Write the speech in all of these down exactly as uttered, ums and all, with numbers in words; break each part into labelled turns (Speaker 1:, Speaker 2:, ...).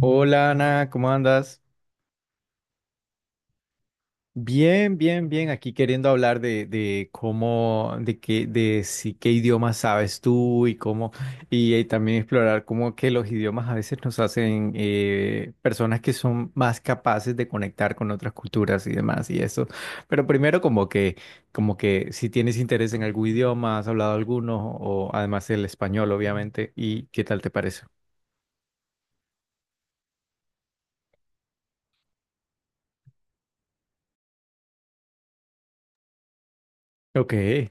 Speaker 1: Hola Ana, ¿cómo andas? Bien, bien, bien. Aquí queriendo hablar de, de cómo, de qué, de si qué idioma sabes tú y cómo, y, eh, también explorar cómo que los idiomas a veces nos hacen eh, personas que son más capaces de conectar con otras culturas y demás y eso. Pero primero como que, como que si tienes interés en algún idioma, has hablado alguno o además el español, obviamente. ¿Y qué tal te parece? Ok,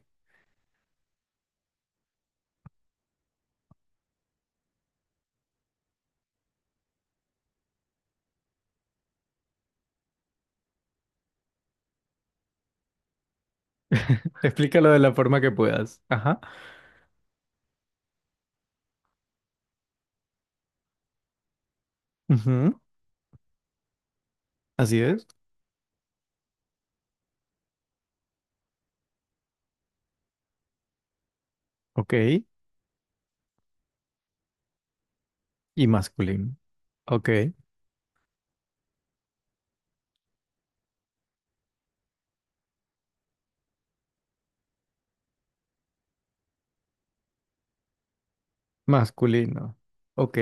Speaker 1: explícalo de la forma que puedas. Ajá. Así es. Ok. Y masculino. Ok. Masculino. Ok.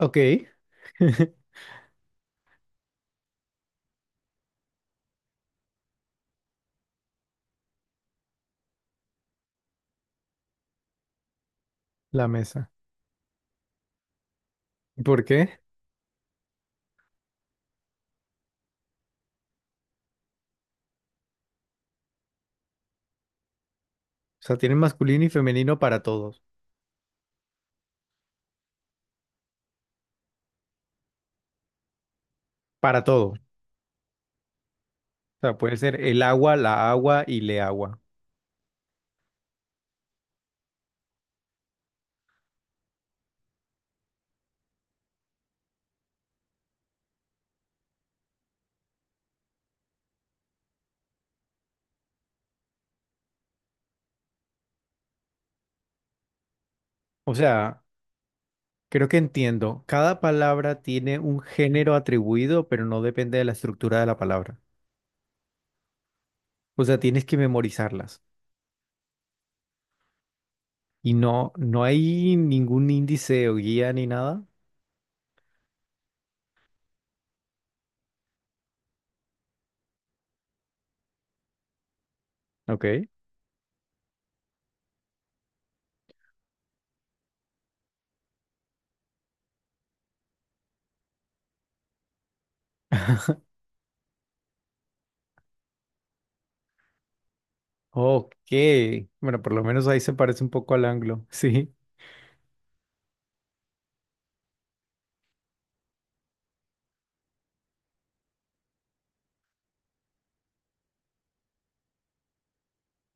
Speaker 1: Ok. La mesa. ¿Por qué? O sea, tienen masculino y femenino para todos. Para todo. O sea, puede ser el agua, la agua y le agua. O sea, creo que entiendo. Cada palabra tiene un género atribuido, pero no depende de la estructura de la palabra. O sea, tienes que memorizarlas. Y no, no hay ningún índice o guía ni nada. Ok. Ok, bueno, por lo menos ahí se parece un poco al anglo, sí.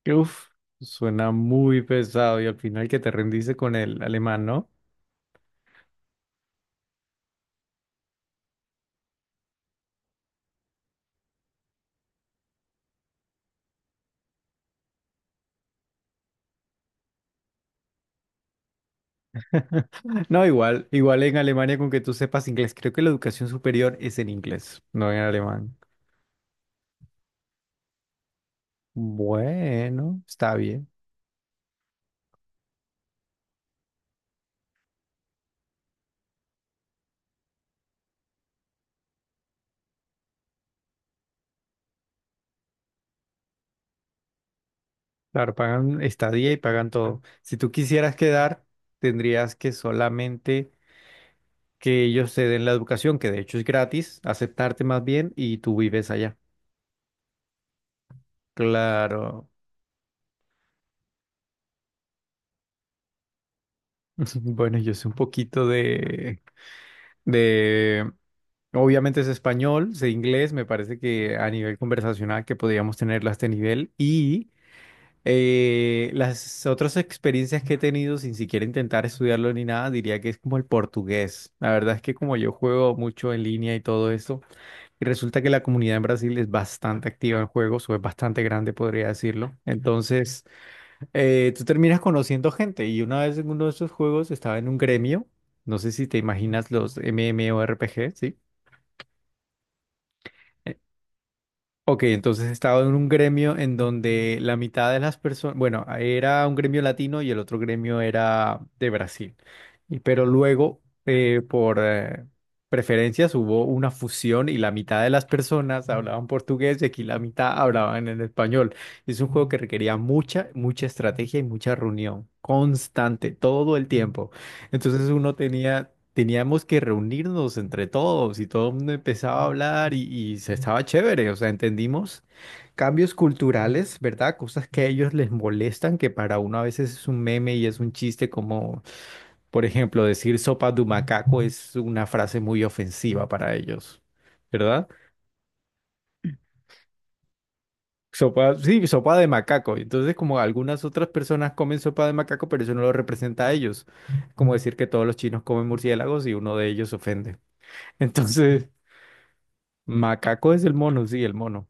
Speaker 1: Uf, suena muy pesado y al final que te rendiste con el alemán, ¿no? No, igual, igual en Alemania con que tú sepas inglés, creo que la educación superior es en inglés, no en alemán. Bueno, está bien. Claro, pagan estadía y pagan todo. Si tú quisieras quedar, tendrías que solamente que ellos te den la educación, que de hecho es gratis, aceptarte más bien y tú vives allá. Claro. Bueno, yo sé un poquito de, de, obviamente es español, sé inglés, me parece que a nivel conversacional que podríamos tenerlo a este nivel y eh, las otras experiencias que he tenido sin siquiera intentar estudiarlo ni nada, diría que es como el portugués. La verdad es que como yo juego mucho en línea y todo esto, y resulta que la comunidad en Brasil es bastante activa en juegos o es bastante grande, podría decirlo. Entonces eh, tú terminas conociendo gente y una vez en uno de esos juegos estaba en un gremio, no sé si te imaginas los MMORPG, ¿sí? Ok, entonces estaba en un gremio en donde la mitad de las personas, bueno, era un gremio latino y el otro gremio era de Brasil. Y, pero luego, eh, por eh, preferencias, hubo una fusión y la mitad de las personas hablaban portugués y aquí la mitad hablaban en español. Es un juego que requería mucha, mucha estrategia y mucha reunión constante, todo el tiempo. Entonces uno tenía teníamos que reunirnos entre todos y todo el mundo empezaba a hablar y, y se estaba chévere, o sea, entendimos cambios culturales, ¿verdad? Cosas que a ellos les molestan, que para uno a veces es un meme y es un chiste como, por ejemplo, decir sopa de macaco es una frase muy ofensiva para ellos, ¿verdad? Sopa, sí, sopa de macaco. Entonces, como algunas otras personas comen sopa de macaco, pero eso no lo representa a ellos. Como decir que todos los chinos comen murciélagos y uno de ellos se ofende. Entonces, macaco es el mono, sí, el mono.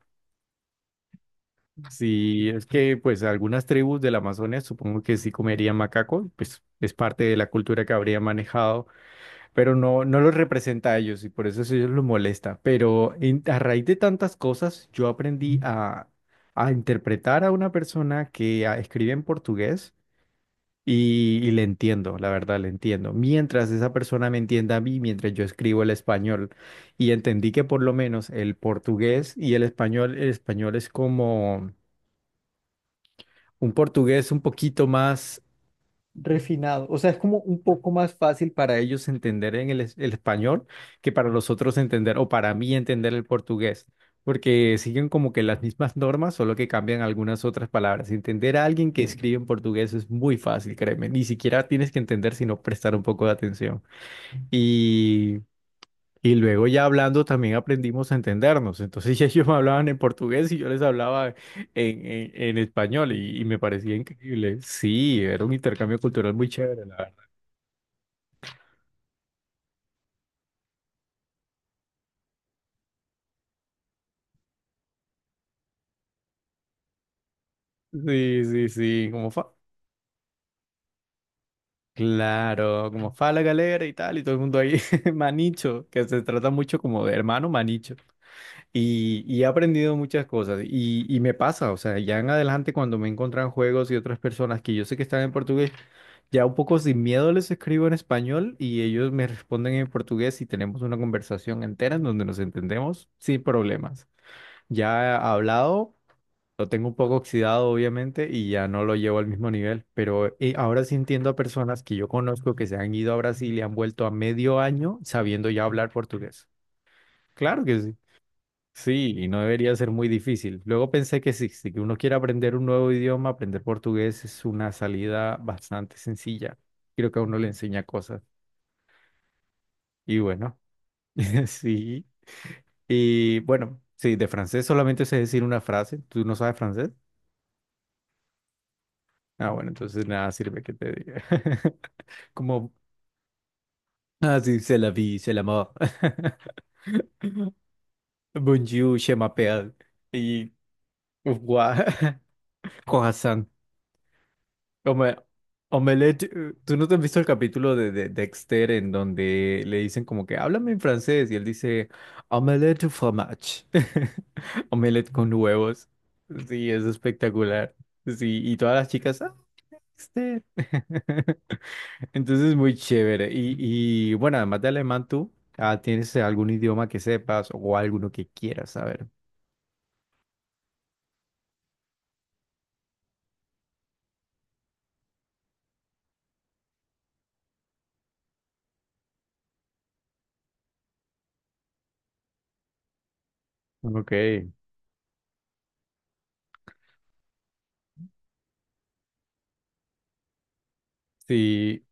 Speaker 1: Sí, es que pues algunas tribus de la Amazonia supongo que sí comerían macaco, pues es parte de la cultura que habría manejado, pero no, no los representa a ellos y por eso eso a ellos los molesta. Pero en- a raíz de tantas cosas yo aprendí a, a interpretar a una persona que ah, escribe en portugués y, y le entiendo, la verdad, le entiendo. Mientras esa persona me entienda a mí, mientras yo escribo el español, y entendí que por lo menos el portugués y el español, el español es como un portugués un poquito más refinado. O sea, es como un poco más fácil para ellos entender en el, es- el español que para los otros entender o para mí entender el portugués, porque siguen como que las mismas normas, solo que cambian algunas otras palabras. Entender a alguien que escribe en portugués es muy fácil, créeme. Ni siquiera tienes que entender, sino prestar un poco de atención. Y luego ya hablando también aprendimos a entendernos. Entonces ya ellos me hablaban en portugués y yo les hablaba en, en- en español y, y me parecía increíble. Sí, era un intercambio cultural muy chévere, la verdad. Sí, sí, sí, como fa. Claro, como fa la galera y tal, y todo el mundo ahí, manicho, que se trata mucho como de hermano manicho. Y, y he aprendido muchas cosas y, y me pasa, o sea, ya en adelante cuando me encuentran juegos y otras personas que yo sé que están en portugués, ya un poco sin miedo les escribo en español y ellos me responden en portugués y tenemos una conversación entera en donde nos entendemos sin problemas. Ya hablado, lo tengo un poco oxidado obviamente y ya no lo llevo al mismo nivel, pero eh, ahora sí entiendo a personas que yo conozco que se han ido a Brasil y han vuelto a medio año sabiendo ya hablar portugués. Claro que sí. Sí, y no debería ser muy difícil. Luego pensé que si, si uno quiere aprender un nuevo idioma, aprender portugués es una salida bastante sencilla. Creo que a uno le enseña cosas. Y bueno, sí. Y bueno, sí, de francés solamente sé decir una frase. ¿Tú no sabes francés? Ah, bueno, entonces nada sirve que te diga. Como, ah, sí, c'est la vie, c'est l'amour. Bonjour, je m'appelle. Y, guau, croissant. Hombre, Omelette, eh, ¿tú no te has visto el capítulo de, de Dexter en donde le dicen como que háblame en francés y él dice Omelette au fromage, Omelette con huevos. Sí, es espectacular. Sí, y todas las chicas, "Ah, Dexter. Entonces muy chévere. Y, y bueno, además de alemán, ¿tú ah, tienes algún idioma que sepas o alguno que quieras saber? Ok, sí.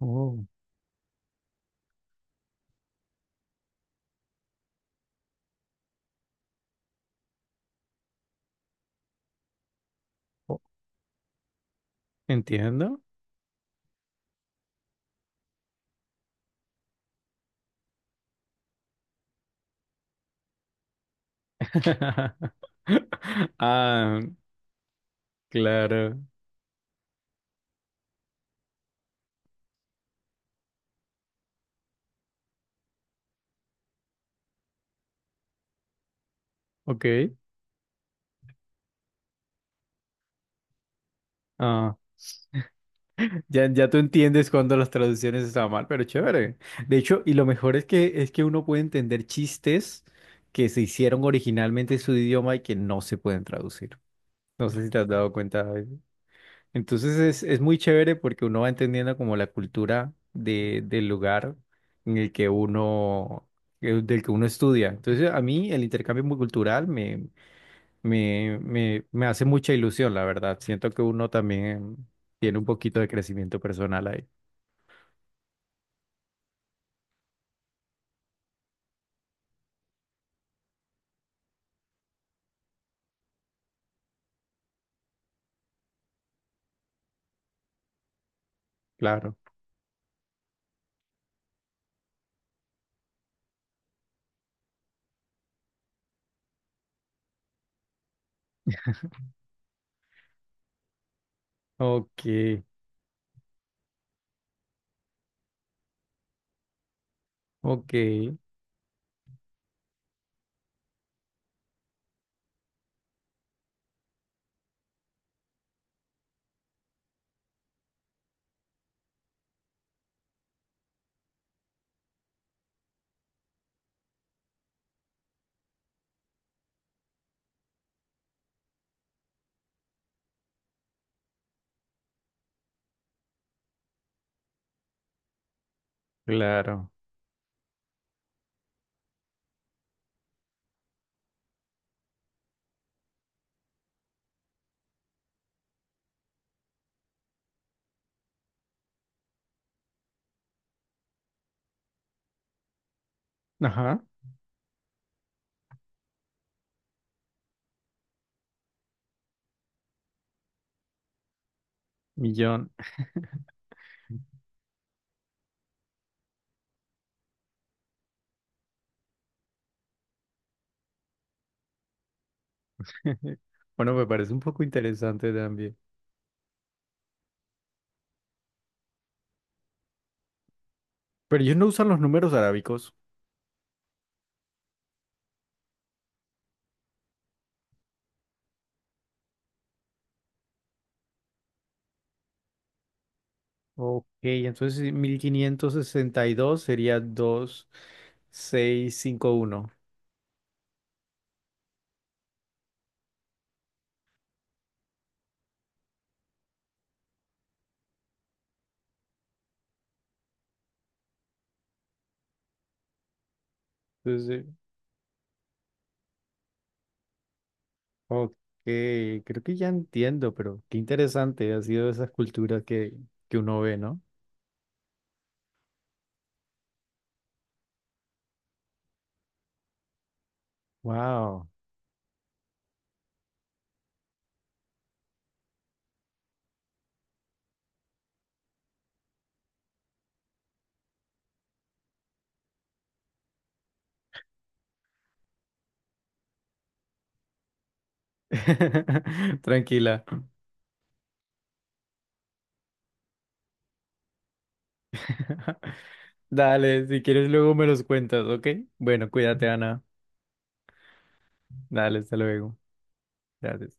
Speaker 1: Oh, oh, entiendo. Ah, claro. Ok. Ah, ya, ya tú entiendes cuando las traducciones están mal, pero chévere. De hecho, y lo mejor es que es que uno puede entender chistes que se hicieron originalmente en su idioma y que no se pueden traducir. No sé si te has dado cuenta de eso. Entonces es, es muy chévere porque uno va entendiendo como la cultura de, del lugar en el que uno, eh, del que uno estudia. Entonces, a mí el intercambio muy cultural Me, me, me hace mucha ilusión, la verdad. Siento que uno también tiene un poquito de crecimiento personal ahí. Claro. Ok, ok, claro. Ajá, millón. Bueno, me parece un poco interesante también. Pero ellos no usan los números arábicos. Ok, entonces sí, mil quinientos sesenta y dos sería dos seis cinco uno. Entonces, ok, creo que ya entiendo, pero qué interesante ha sido esas culturas que, que uno ve, ¿no? Wow. Tranquila. Dale, si quieres luego me los cuentas, ¿ok? Bueno, cuídate, Ana. Dale, hasta luego. Gracias.